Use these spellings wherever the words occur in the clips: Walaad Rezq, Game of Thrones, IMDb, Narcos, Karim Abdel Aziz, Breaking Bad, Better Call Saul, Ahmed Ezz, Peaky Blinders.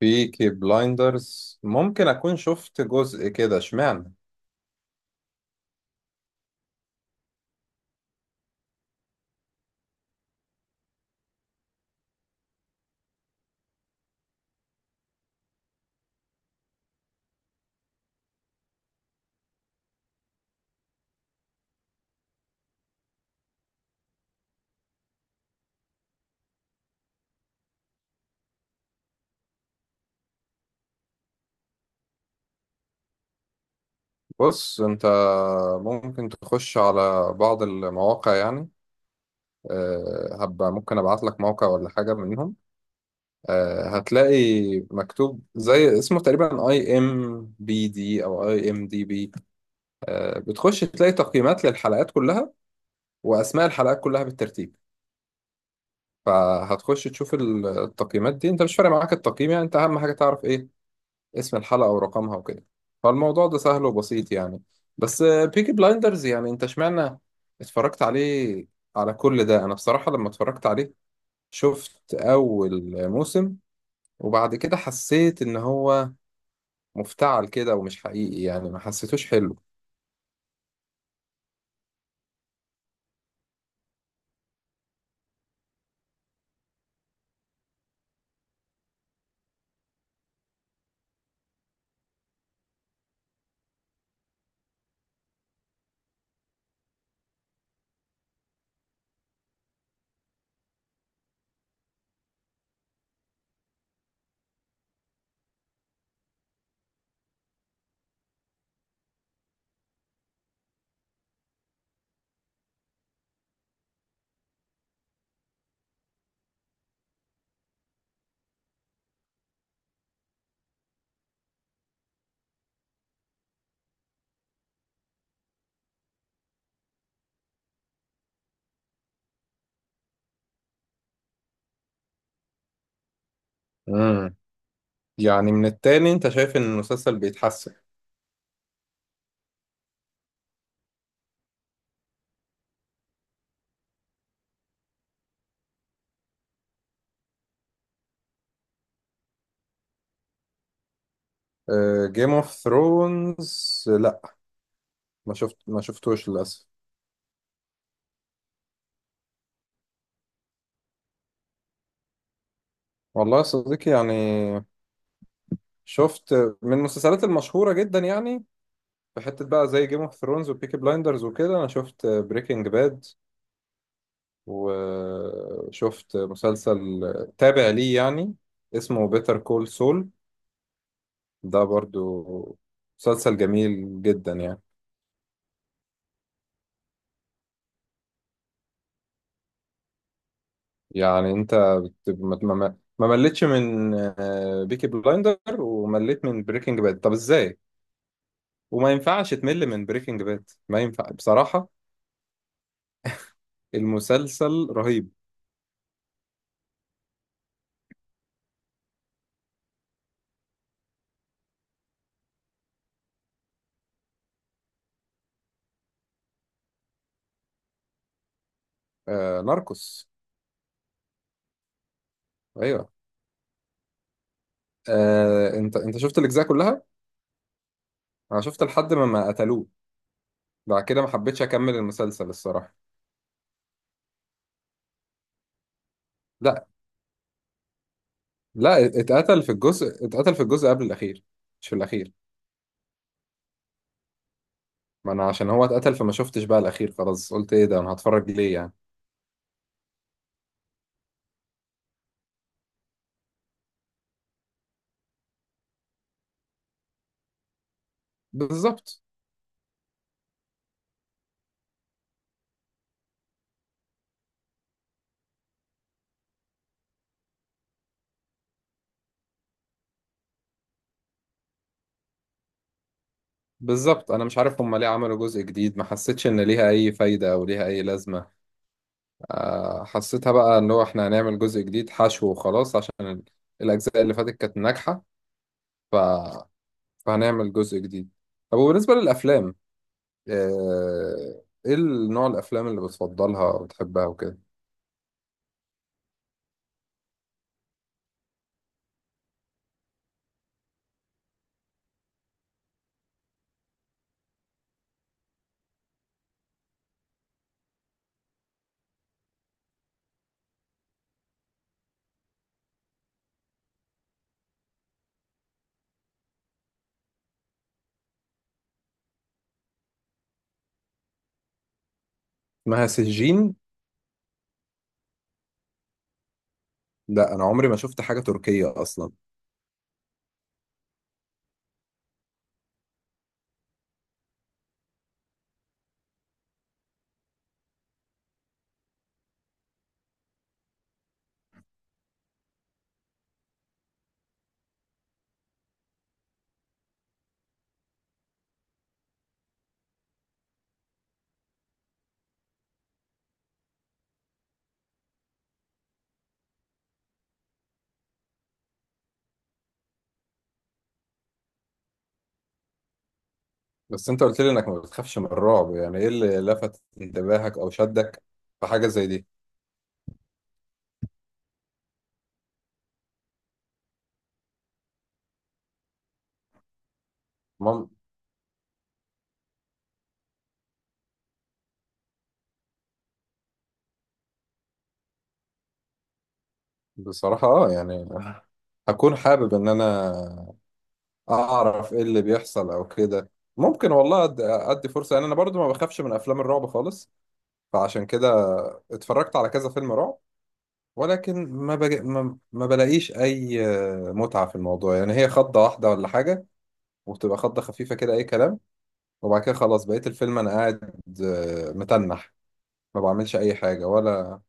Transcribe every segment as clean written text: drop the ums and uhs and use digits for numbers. بيكي بلايندرز ممكن أكون شفت جزء كده اشمعنى. بص أنت، ممكن تخش على بعض المواقع يعني. أه، هبقى ممكن أبعت لك موقع ولا حاجة منهم. أه هتلاقي مكتوب زي اسمه تقريبا اي ام بي دي او اي ام دي بي. أه بتخش تلاقي تقييمات للحلقات كلها واسماء الحلقات كلها بالترتيب. فهتخش تشوف التقييمات دي، انت مش فارق معاك التقييم يعني، انت اهم حاجه تعرف ايه اسم الحلقة ورقمها وكده. فالموضوع ده سهل وبسيط يعني. بس بيكي بلايندرز يعني انت اشمعنى اتفرجت عليه على كل ده؟ انا بصراحة لما اتفرجت عليه شفت اول موسم وبعد كده حسيت ان هو مفتعل كده ومش حقيقي يعني، ما حسيتوش حلو. امم يعني من التاني انت شايف ان المسلسل بيتحسن؟ جيم اوف ثرونز لا، ما شفتوش للاسف. والله يا صديقي يعني شفت من المسلسلات المشهورة جدا يعني، في حتة بقى زي جيم اوف ثرونز وبيكي بلايندرز وكده. أنا شفت بريكنج باد وشفت مسلسل تابع ليه يعني، اسمه بيتر كول سول. ده برضو مسلسل جميل جدا يعني. يعني أنت ما مليتش من بيكي بلايندر ومليت من بريكنج باد، طب إزاي؟ وما ينفعش تمل من بريكنج باد، ما ينفع بصراحة. المسلسل رهيب. آه، ناركوس. أيوه. آه، أنت شفت الأجزاء كلها؟ انا شفت لحد ما ما قتلوه. بعد كده ما حبيتش اكمل المسلسل الصراحه. لا، لا، اتقتل في الجزء، اتقتل في الجزء قبل الاخير، مش في الاخير. ما انا عشان هو اتقتل فما شفتش بقى الاخير، خلاص قلت ايه ده انا هتفرج ليه يعني. بالظبط. بالظبط، انا مش عارف هما ليه عملوا جزء جديد، ما حسيتش ان ليها اي فايده او ليها اي لازمه. آه، حسيتها بقى ان هو احنا هنعمل جزء جديد حشو وخلاص، عشان الاجزاء اللي فاتت كانت ناجحه، ف... فهنعمل جزء جديد. طب وبالنسبه للافلام، آه، ايه النوع الافلام اللي بتفضلها وبتحبها وكده؟ اسمها سجين؟ لا انا عمري ما شفت حاجه تركيه اصلا. بس انت قلت لي انك ما بتخافش من الرعب، يعني ايه اللي لفت انتباهك او شدك في حاجه زي دي؟ مم. بصراحه اه يعني، هكون حابب ان انا اعرف ايه اللي بيحصل او كده. ممكن والله ادي فرصه يعني، انا برضو ما بخافش من افلام الرعب خالص. فعشان كده اتفرجت على كذا فيلم رعب، ولكن ما, بج... ما... ما بلاقيش اي متعة في الموضوع يعني، هي خضة واحدة ولا حاجة، وبتبقى خضة خفيفة كده اي كلام. وبعد كده خلاص بقيت الفيلم انا قاعد متنح، ما بعملش اي حاجة ولا.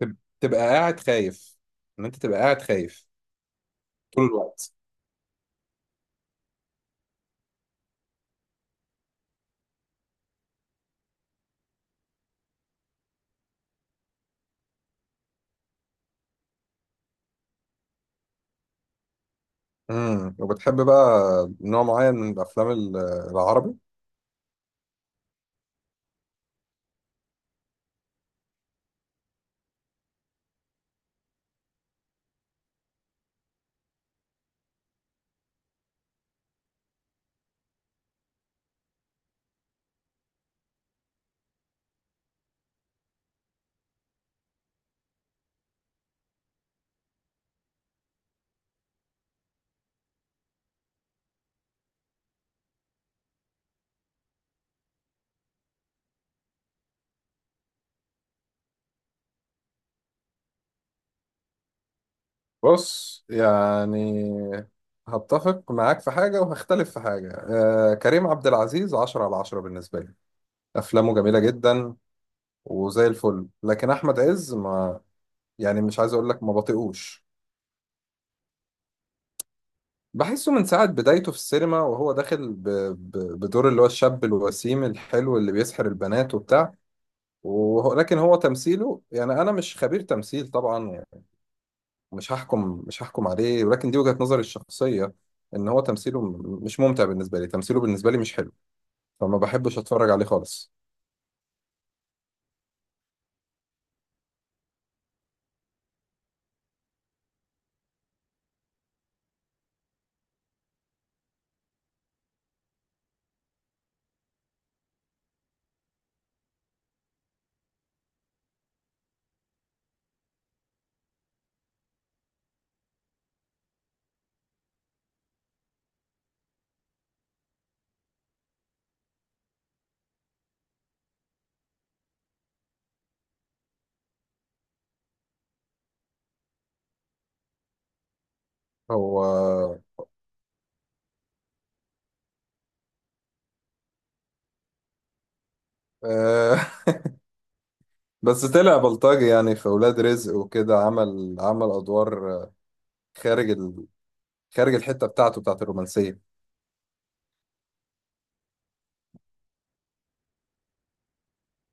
تبقى قاعد خايف، ان انت تبقى قاعد خايف طول الوقت. وبتحب بقى نوع معين من الافلام العربي؟ بص يعني، هتفق معاك في حاجة وهختلف في حاجة. آه كريم عبد العزيز 10 على 10 بالنسبة لي، أفلامه جميلة جدا وزي الفل. لكن احمد عز ما، يعني مش عايز اقول لك ما بطيقوش. بحسه من ساعة بدايته في السينما وهو داخل بدور اللي هو الشاب الوسيم الحلو اللي بيسحر البنات وبتاع. لكن هو تمثيله يعني، انا مش خبير تمثيل طبعا يعني، مش هحكم عليه، ولكن دي وجهة نظري الشخصية ان هو تمثيله مش ممتع بالنسبة لي، تمثيله بالنسبة لي مش حلو. فما بحبش اتفرج عليه خالص. هو آه، بس طلع بلطجي يعني في ولاد رزق وكده، عمل ادوار خارج خارج الحته بتاعته بتاعت الرومانسيه.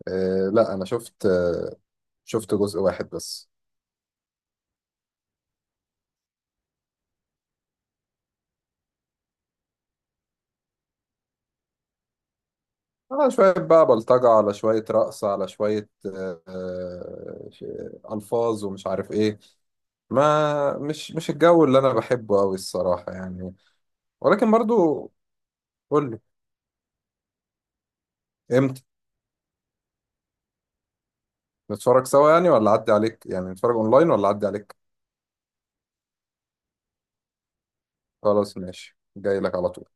آه لا انا شفت، آه شفت جزء واحد بس. آه شويه بقى بلطجه على شويه رقص على شويه آه، الفاظ ومش عارف ايه. ما مش مش الجو اللي انا بحبه قوي الصراحه يعني. ولكن برضو قول لي. امتى؟ نتفرج سوا يعني ولا اعدي عليك، يعني نتفرج اونلاين ولا اعدي عليك؟ خلاص ماشي، جاي لك على طول.